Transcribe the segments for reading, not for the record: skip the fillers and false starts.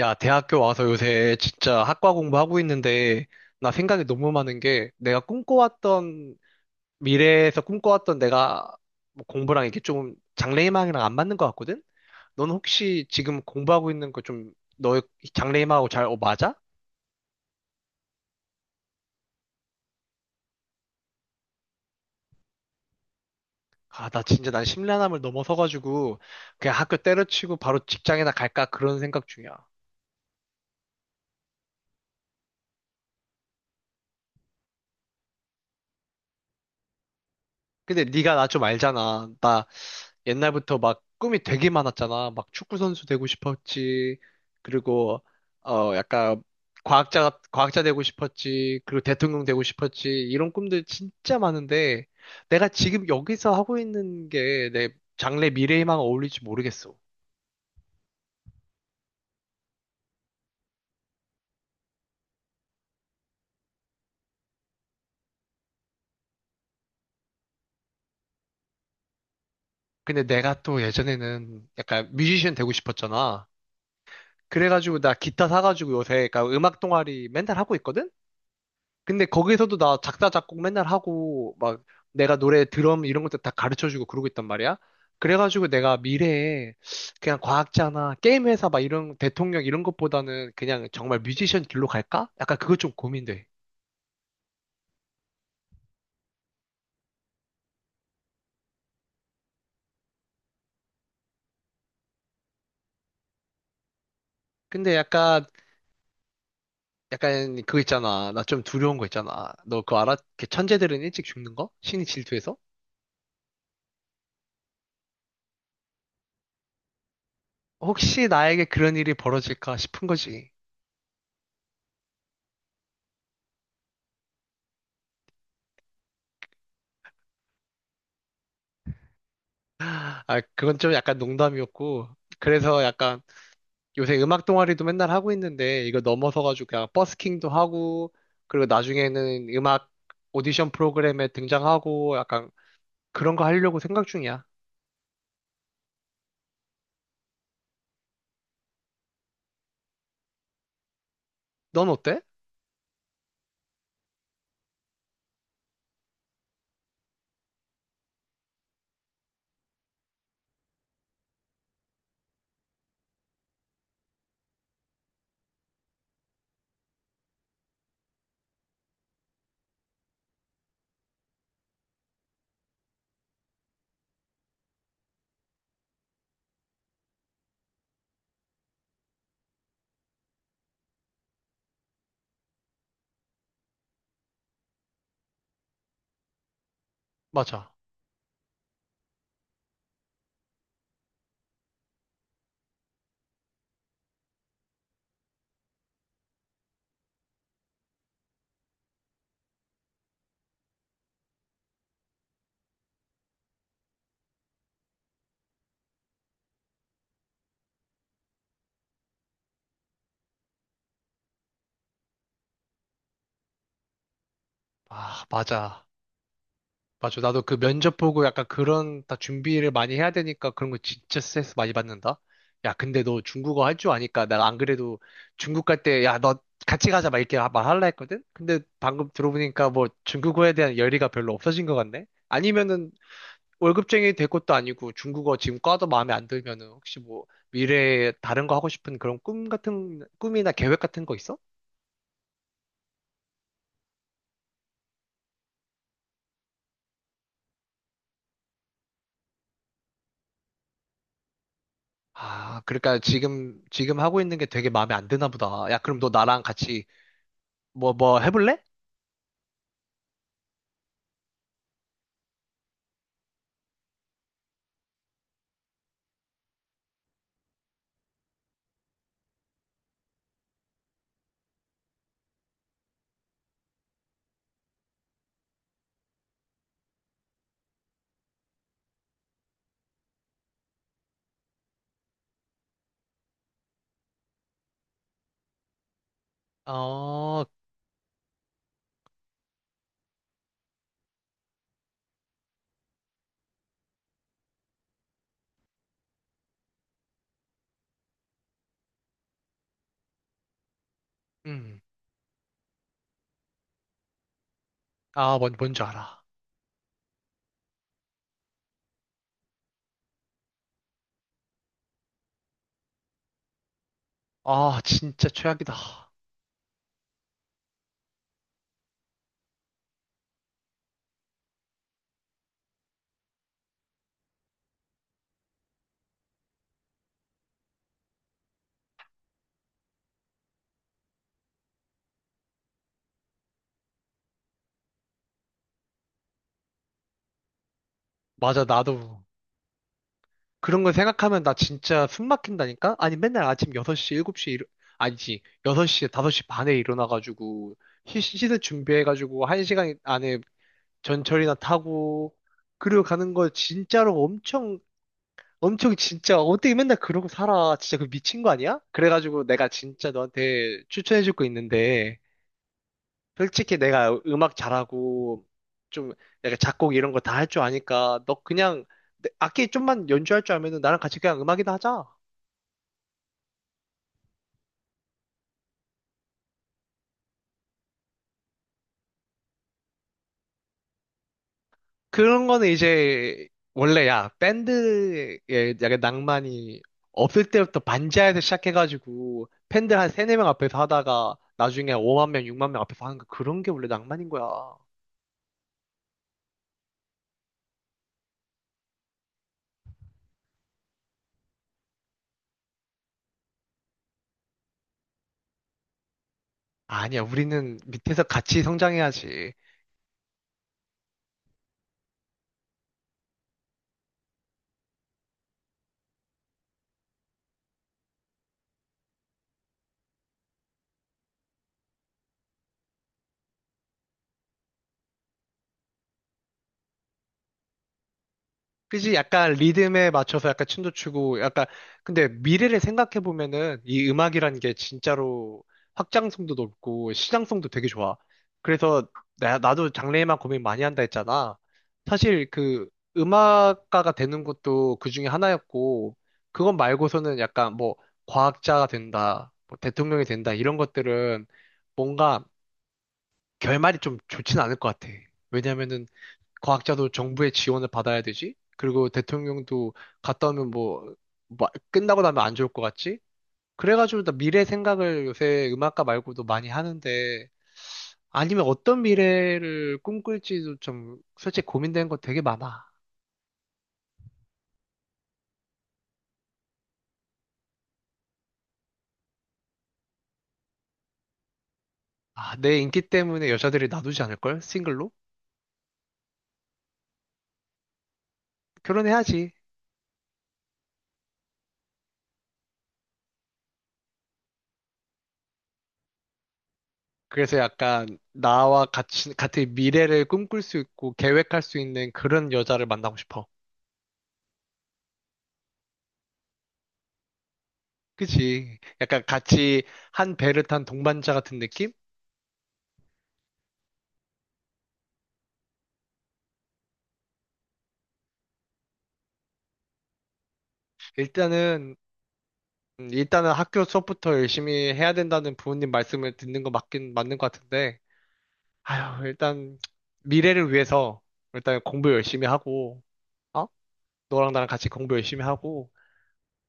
야, 대학교 와서 요새 진짜 학과 공부하고 있는데, 나 생각이 너무 많은 게, 내가 꿈꿔왔던, 미래에서 꿈꿔왔던 내가 뭐 공부랑 이게 좀 장래희망이랑 안 맞는 것 같거든? 넌 혹시 지금 공부하고 있는 거 좀, 너의 장래희망하고 잘 맞아? 아, 나 진짜 난 심란함을 넘어서가지고, 그냥 학교 때려치고 바로 직장이나 갈까? 그런 생각 중이야. 근데 네가 나 좀 알잖아. 나 옛날부터 막 꿈이 되게 많았잖아. 막 축구 선수 되고 싶었지. 그리고 약간 과학자 되고 싶었지. 그리고 대통령 되고 싶었지. 이런 꿈들 진짜 많은데 내가 지금 여기서 하고 있는 게 내 장래 미래에만 어울릴지 모르겠어. 근데 내가 또 예전에는 약간 뮤지션 되고 싶었잖아. 그래가지고 나 기타 사가지고 요새 그러니까 음악 동아리 맨날 하고 있거든? 근데 거기서도 나 작사, 작곡 맨날 하고, 막 내가 노래 드럼 이런 것도 다 가르쳐주고 그러고 있단 말이야. 그래가지고 내가 미래에 그냥 과학자나 게임 회사 막 이런 대통령 이런 것보다는 그냥 정말 뮤지션 길로 갈까? 약간 그거 좀 고민돼. 근데 약간 그거 있잖아. 나 좀 두려운 거 있잖아. 너 그거 알아? 그 천재들은 일찍 죽는 거? 신이 질투해서? 혹시 나에게 그런 일이 벌어질까 싶은 거지. 아, 그건 좀 약간 농담이었고. 그래서 약간 요새 음악 동아리도 맨날 하고 있는데 이거 넘어서가지고 그냥 버스킹도 하고 그리고 나중에는 음악 오디션 프로그램에 등장하고 약간 그런 거 하려고 생각 중이야. 넌 어때? 맞아. 아, 맞아. 맞아. 나도 그 면접 보고 약간 그런 다 준비를 많이 해야 되니까 그런 거 진짜 스트레스 많이 받는다. 야, 근데 너 중국어 할 줄 아니까 내가 안 그래도 중국 갈 때 야, 너 같이 가자 막 이렇게 말할라 했거든? 근데 방금 들어보니까 뭐 중국어에 대한 열의가 별로 없어진 것 같네? 아니면은 월급쟁이 될 것도 아니고 중국어 지금 과도 마음에 안 들면은 혹시 뭐 미래에 다른 거 하고 싶은 그런 꿈 같은 꿈이나 계획 같은 거 있어? 아, 그러니까 지금 하고 있는 게 되게 마음에 안 드나 보다. 야, 그럼 너 나랑 같이 뭐 해볼래? 어, 음, 아, 뭔 뭔지 알아. 아, 진짜 최악이다. 맞아, 나도 그런 거 생각하면 나 진짜 숨 막힌다니까? 아니 맨날 아침 6시, 7시 아니지. 6시, 5시 반에 일어나가지고 시즌 준비해가지고 1시간 안에 전철이나 타고 그리고 가는 거 진짜로 엄청 엄청 진짜 어떻게 맨날 그러고 살아 진짜 그 미친 거 아니야? 그래가지고 내가 진짜 너한테 추천해줄 거 있는데 솔직히 내가 음악 잘하고 좀 내가 작곡 이런 거 다 할 줄 아니까 너 그냥 악기 좀만 연주할 줄 알면은 나랑 같이 그냥 음악이나 하자. 그런 거는 이제 원래 야 밴드에 약간 낭만이 없을 때부터 반지하에서 시작해가지고 팬들 한 세네 명 앞에서 하다가 나중에 5만 명, 6만 명 앞에서 하는 거 그런 게 원래 낭만인 거야. 아니야, 우리는 밑에서 같이 성장해야지. 그지? 약간 리듬에 맞춰서 약간 춤도 추고, 약간, 근데 미래를 생각해보면은 이 음악이라는 게 진짜로 확장성도 높고 시장성도 되게 좋아. 그래서 나도 장래에만 고민 많이 한다 했잖아. 사실 그 음악가가 되는 것도 그 중에 하나였고, 그건 말고서는 약간 뭐 과학자가 된다, 뭐 대통령이 된다, 이런 것들은 뭔가 결말이 좀 좋진 않을 것 같아. 왜냐면은 과학자도 정부의 지원을 받아야 되지? 그리고 대통령도 갔다 오면 뭐, 끝나고 나면 안 좋을 것 같지? 그래가지고 나 미래 생각을 요새 음악가 말고도 많이 하는데, 아니면 어떤 미래를 꿈꿀지도 좀 솔직히 고민되는 거 되게 많아. 아, 내 인기 때문에 여자들이 놔두지 않을걸? 싱글로? 결혼해야지. 그래서 약간 나와 같이, 같은 미래를 꿈꿀 수 있고 계획할 수 있는 그런 여자를 만나고 싶어. 그치? 약간 같이 한 배를 탄 동반자 같은 느낌? 일단은, 일단은 학교 수업부터 열심히 해야 된다는 부모님 말씀을 듣는 거 맞긴 맞는 것 같은데, 아휴, 일단, 미래를 위해서, 일단 공부 열심히 하고, 어? 너랑 나랑 같이 공부 열심히 하고,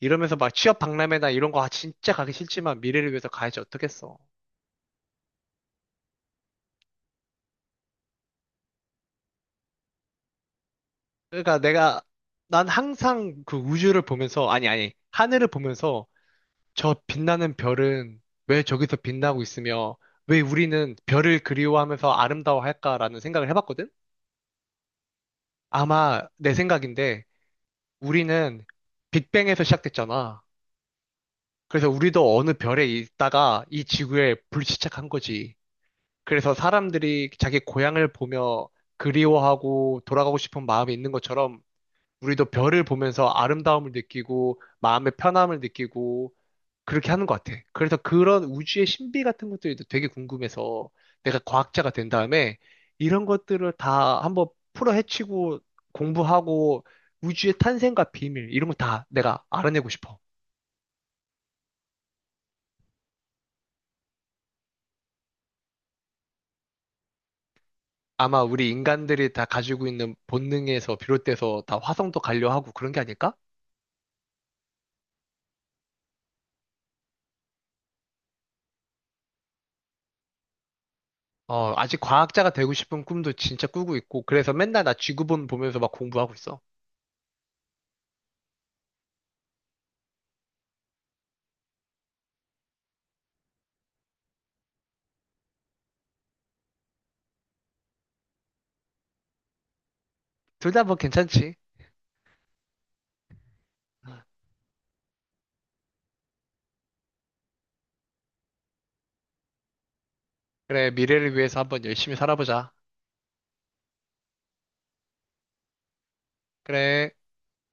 이러면서 막 취업 박람회나 이런 거 아, 진짜 가기 싫지만 미래를 위해서 가야지 어떡했어. 그러니까 내가, 난 항상 그 우주를 보면서, 아니, 아니, 하늘을 보면서, 저 빛나는 별은 왜 저기서 빛나고 있으며, 왜 우리는 별을 그리워하면서 아름다워할까라는 생각을 해봤거든? 아마 내 생각인데 우리는 빅뱅에서 시작됐잖아. 그래서 우리도 어느 별에 있다가 이 지구에 불시착한 거지. 그래서 사람들이 자기 고향을 보며 그리워하고 돌아가고 싶은 마음이 있는 것처럼 우리도 별을 보면서 아름다움을 느끼고 마음의 편함을 느끼고 그렇게 하는 것 같아. 그래서 그런 우주의 신비 같은 것들도 되게 궁금해서 내가 과학자가 된 다음에 이런 것들을 다 한번 풀어헤치고 공부하고 우주의 탄생과 비밀 이런 거 다 내가 알아내고 싶어. 아마 우리 인간들이 다 가지고 있는 본능에서 비롯돼서 다 화성도 가려 하고 그런 게 아닐까? 어, 아직 과학자가 되고 싶은 꿈도 진짜 꾸고 있고 그래서 맨날 나 지구본 보면서 막 공부하고 있어. 둘 다 뭐 괜찮지. 그래, 미래를 위해서 한번 열심히 살아보자. 그래.